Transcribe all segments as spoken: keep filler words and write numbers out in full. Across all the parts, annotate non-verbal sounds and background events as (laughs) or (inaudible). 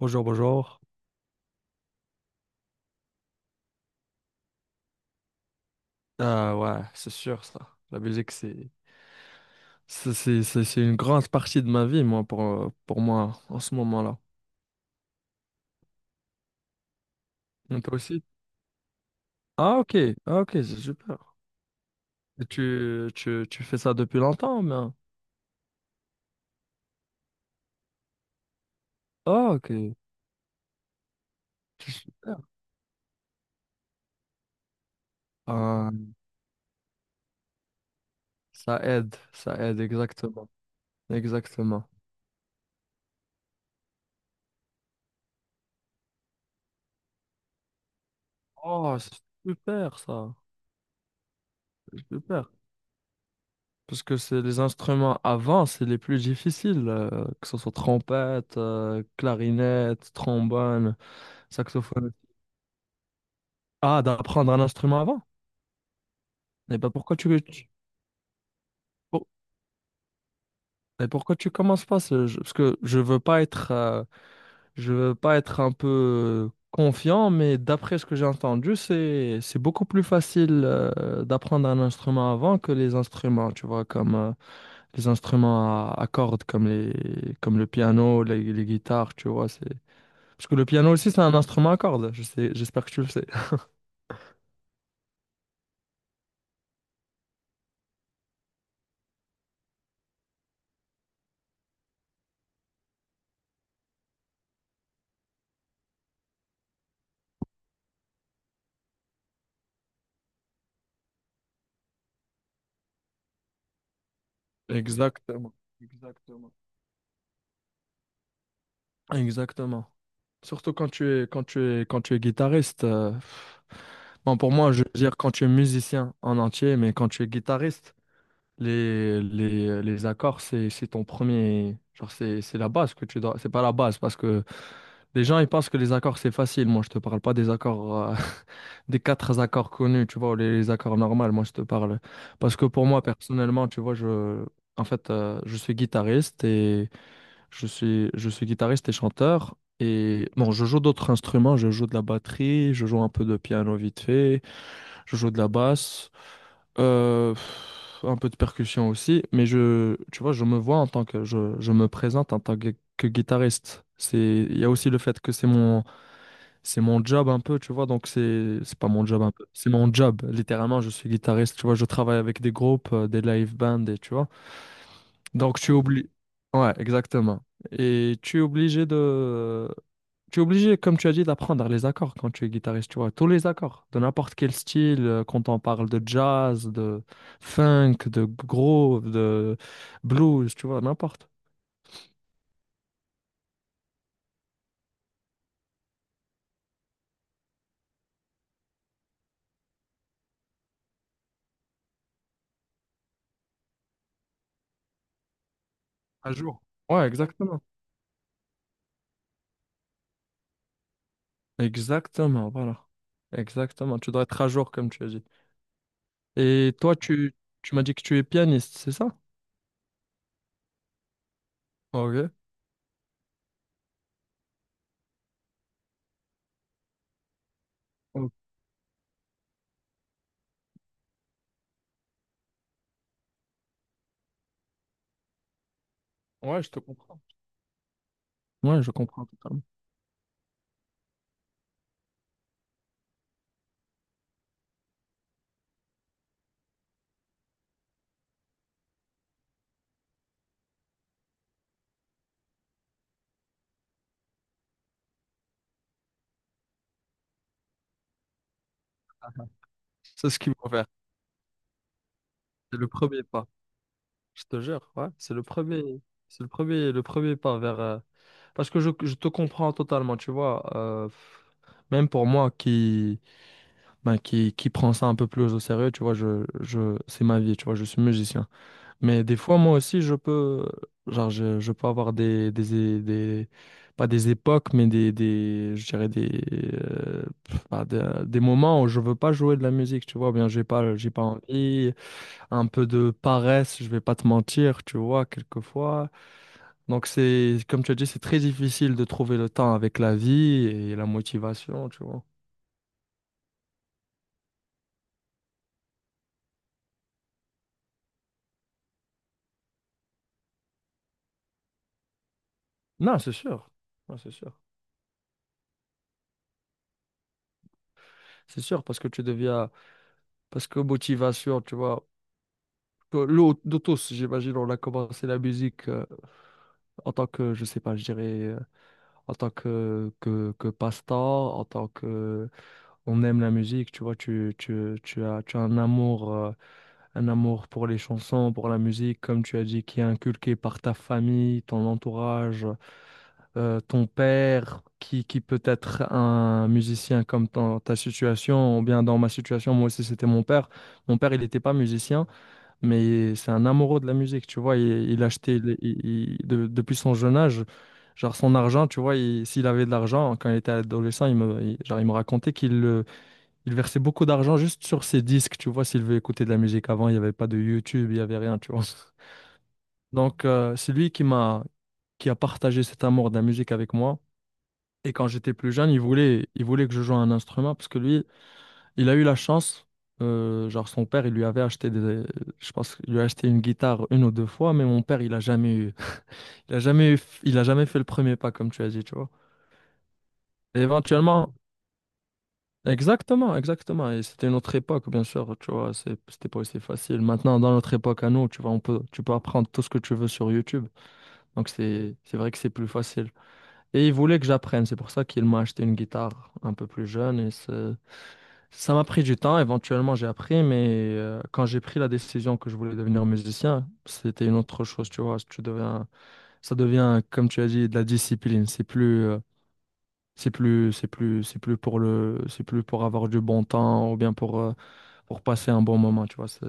Bonjour, bonjour. Ah ouais, c'est sûr ça. La musique, c'est c'est c'est- c'est- c'est une grande partie de ma vie, moi, pour, euh, pour moi, en ce moment-là. Et toi aussi? Ah ok, ah, ok, c'est super. Et tu, tu, tu fais ça depuis longtemps, mais... hein? Ah ok. Super. Ah, ça aide, ça aide, exactement. Exactement. Oh, c'est super ça. C'est super. Parce que c'est les instruments avant, c'est les plus difficiles, euh, que ce soit trompette, euh, clarinette, trombone, saxophone. Ah, d'apprendre un instrument avant? Eh ben pourquoi tu, tu- pour- eh, pourquoi tu commences pas ce jeu? Parce que je veux pas être euh, je veux pas être un peu euh, confiant, mais d'après ce que j'ai entendu, c'est c'est beaucoup plus facile euh, d'apprendre un instrument avant que les instruments, tu vois, comme euh, les instruments à, à cordes comme les comme le piano, les, les guitares, tu vois, c'est parce que le piano aussi c'est un instrument à cordes, je sais, j'espère que tu le sais. (laughs) Exactement. Exactement. Exactement. Surtout quand tu es, quand tu es, quand tu es guitariste. Euh, pff. Bon, pour moi, je veux dire quand tu es musicien en entier, mais quand tu es guitariste, les, les, les accords, c'est, c'est ton premier. Genre, c'est, c'est la base que tu dois. C'est pas la base, parce que les gens, ils pensent que les accords, c'est facile. Moi, je te parle pas des accords, euh, (laughs) des quatre accords connus, tu vois, ou les, les accords normaux. Moi, je te parle. Parce que pour moi, personnellement, tu vois, je. En fait, euh, je suis guitariste et je suis, je suis guitariste et chanteur. Et bon, je joue d'autres instruments. Je joue de la batterie, je joue un peu de piano vite fait, je joue de la basse, euh, un peu de percussion aussi. Mais je, tu vois, je me vois en tant que, je, je me présente en tant que, que guitariste. C'est, il y a aussi le fait que c'est mon, c'est mon job un peu, tu vois. Donc c'est, c'est pas mon job un peu, c'est mon job. Littéralement, je suis guitariste. Tu vois, je travaille avec des groupes, euh, des live bands, et tu vois. Donc tu oublies. Ouais, exactement. Et tu es obligé de. Tu es obligé, comme tu as dit, d'apprendre les accords quand tu es guitariste, tu vois, tous les accords, de n'importe quel style, euh, quand on parle de jazz, de funk, de groove, de blues, tu vois, n'importe. À jour. Ouais, exactement. Exactement, voilà. Exactement, tu dois être à jour, comme tu as dit. Et toi, tu, tu m'as dit que tu es pianiste, c'est ça? Ok. Ok. Ouais, je te comprends. Ouais, je comprends totalement. C'est ce qu'il faut faire. C'est le premier pas. Je te jure, ouais, c'est le premier, c'est le premier, le premier pas vers. euh, Parce que je, je te comprends totalement, tu vois. Euh, même pour moi qui, ben, qui, qui prend ça un peu plus au sérieux, tu vois, je, je, c'est ma vie, tu vois, je suis musicien. Mais des fois, moi aussi, je peux, genre, je, je peux avoir des, des, des, des- pas des époques, mais des, des, je dirais des, euh, pff, bah, des, des moments où je veux pas jouer de la musique, tu vois, ou bien j'ai pas, j'ai pas envie, un peu de paresse, je vais pas te mentir, tu vois, quelquefois. Donc c'est, comme tu as dit, c'est très difficile de trouver le temps avec la vie et la motivation, tu vois. Non, c'est sûr. Non, c'est sûr. C'est sûr parce que tu deviens, parce que motivation, tu vois, que l'au- de tous, j'imagine, on a commencé la musique euh, en tant que, je sais pas, je dirais, euh, en tant que, que, que passe-temps, en tant que, on aime la musique, tu vois, tu, tu, tu as, tu as un amour. Euh, un amour pour les chansons, pour la musique, comme tu as dit, qui est inculqué par ta famille, ton entourage, euh, ton père, qui, qui peut être un musicien comme dans ta situation, ou bien dans ma situation, moi aussi c'était mon père. Mon père, il n'était pas musicien, mais c'est un amoureux de la musique, tu vois, il, il achetait, il- il- il- de- depuis son jeune âge. Genre son argent, tu vois, il- s'il avait de l'argent, quand il était adolescent, il me, il- genre, il me racontait qu'il le il versait beaucoup d'argent juste sur ses disques, tu vois, s'il veut écouter de la musique. Avant, il n'y avait pas de YouTube, il n'y avait rien, tu vois. (laughs) Donc, euh, c'est lui qui m'a, qui a partagé cet amour de la musique avec moi. Et quand j'étais plus jeune, il voulait, il voulait que je joue un instrument parce que lui, il a eu la chance, euh, genre son père, il lui avait acheté des, je pense qu'il lui a acheté une guitare une ou deux fois, mais mon père, il a jamais eu, il a jamais eu, il a jamais fait le premier pas, comme tu as dit, tu vois. Et éventuellement, exactement, exactement. Et c'était une autre époque, bien sûr, tu vois, c'est- c'était pas aussi facile. Maintenant, dans notre époque à nous, tu vois, on peut, tu peux apprendre tout ce que tu veux sur YouTube. Donc, c'est, c'est vrai que c'est plus facile. Et il voulait que j'apprenne, c'est pour ça qu'il m'a acheté une guitare un peu plus jeune. Et c'est- ça m'a pris du temps, éventuellement j'ai appris, mais euh, quand j'ai pris la décision que je voulais devenir musicien, c'était une autre chose, tu vois. Tu deviens, ça devient, comme tu as dit, de la discipline. C'est plus, euh, c'est plus, c'est plus, c'est plus pour le, c'est plus pour avoir du bon temps ou bien pour. Euh, pour passer un bon moment, tu vois, c'est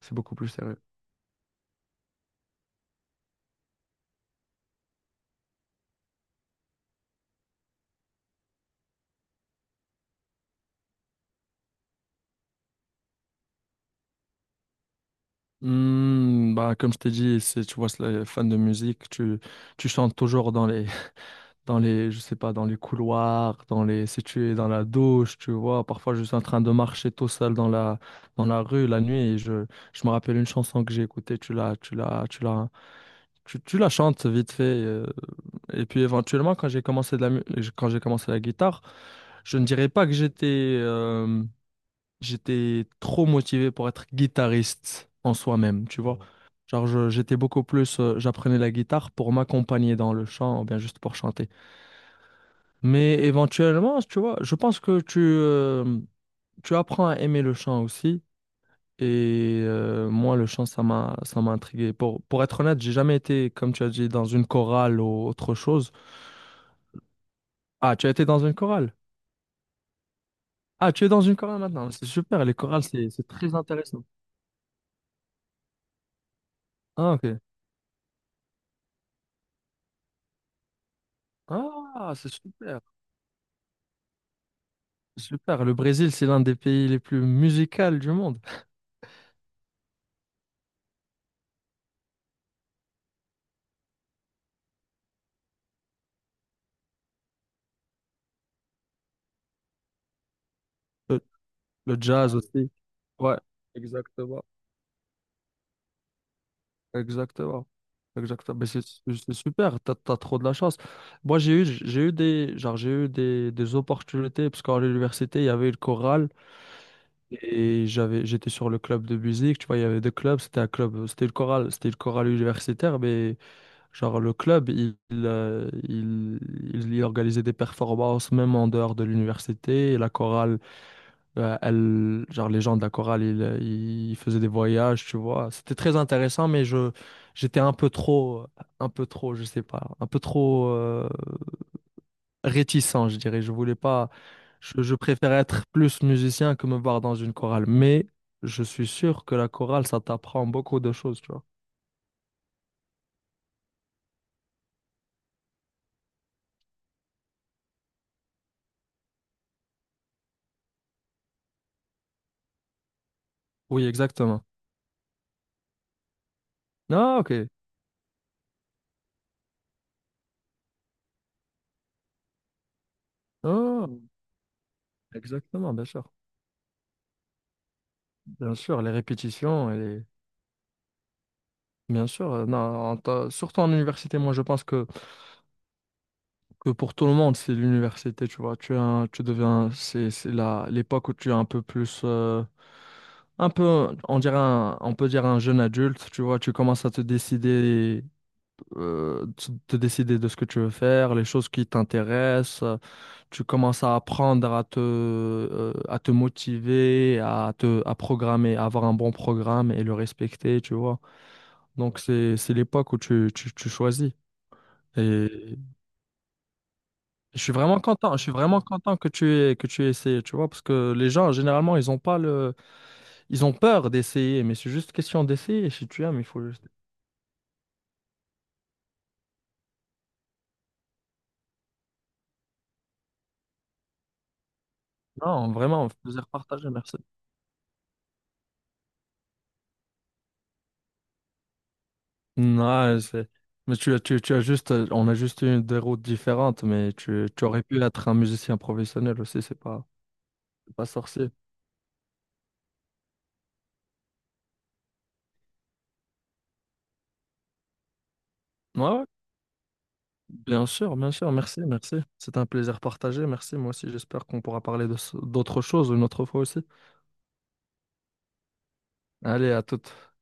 c'est beaucoup plus sérieux. Hmm, bah, comme je t'ai dit, c'est, tu vois, c'est les fans de musique, tu, tu chantes toujours dans les, (laughs) dans les, je sais pas, dans les couloirs, dans les, si tu es dans la douche, tu vois, parfois je suis en train de marcher tout seul dans la, dans la rue la nuit et je, je me rappelle une chanson que j'ai écoutée, tu la, tu la, tu la, tu, tu la chantes vite fait. Euh, et puis éventuellement, quand j'ai commencé de la, mu- quand j'ai commencé la guitare, je ne dirais pas que j'étais, euh, j'étais trop motivé pour être guitariste en soi-même, tu vois. Genre, je- j'étais beaucoup plus, euh, j'apprenais la guitare pour m'accompagner dans le chant, ou bien juste pour chanter. Mais éventuellement, tu vois, je pense que tu, euh, tu apprends à aimer le chant aussi. Et euh, moi, le chant, ça m'a, ça m'a intrigué. Pour, pour être honnête, j'ai jamais été, comme tu as dit, dans une chorale ou autre chose. Ah, tu as été dans une chorale? Ah, tu es dans une chorale maintenant. C'est super, les chorales, c'est, c'est très intéressant. Ah, ok. Ah, c'est super. Super, le Brésil, c'est l'un des pays les plus musicaux du monde. Le, le jazz aussi. Ouais, exactement. Exactement. Exactement. Mais c'est c'est- super, t'as, t'as trop de la chance. Moi, j'ai eu, j'ai eu des, genre, j'ai eu des, des opportunités, parce qu'à l'université, il y avait une chorale, et j'avais, j'étais sur le club de musique, tu vois, il y avait deux clubs, c'était un club, c'était une chorale, c'était une chorale universitaire, mais genre, le club, il, il, euh, il, il- il organisait des performances, même en dehors de l'université, et la chorale, euh, elle, genre les gens de la chorale, ils, ils faisaient des voyages, tu vois. C'était très intéressant, mais je, j'étais un peu trop, un peu trop, je sais pas, un peu trop euh, réticent, je dirais. Je voulais pas, je, je préférais être plus musicien que me voir dans une chorale. Mais je suis sûr que la chorale, ça t'apprend beaucoup de choses, tu vois. Oui, exactement. Ah, ok. Ah, exactement, bien sûr. Bien sûr, les répétitions, et les... bien sûr. euh, Non, en ta- surtout en université, moi, je pense que que pour tout le monde, c'est l'université, tu vois. Tu es un- tu deviens, c'est, c'est la, l'époque où tu es un peu plus, euh, un peu, on dirait un- on peut dire un jeune adulte, tu vois. Tu commences à te décider, euh, te te décider de ce que tu veux faire, les choses qui t'intéressent. euh, Tu commences à apprendre à te, euh, à te motiver, à te, à programmer, à avoir un bon programme et le respecter, tu vois. Donc c'est, c'est l'époque où tu, tu, tu choisis. Je suis vraiment content, je suis vraiment content que tu aies, que tu aies essayé, tu vois, parce que les gens, généralement, ils ont pas le, ils ont peur d'essayer, mais c'est juste question d'essayer, si tu aimes, il faut juste... Non, vraiment, plaisir partagé, merci. Non, c'est... Mais tu, as- tu, tu as juste, on a juste eu des routes différentes, mais tu, tu aurais pu être un musicien professionnel aussi, c'est pas, c'est pas sorcier. Ouais, ouais, bien sûr, bien sûr, merci, merci. C'est un plaisir partagé, merci, moi aussi, j'espère qu'on pourra parler de, ce- d'autres choses une autre fois aussi. Allez, à toute.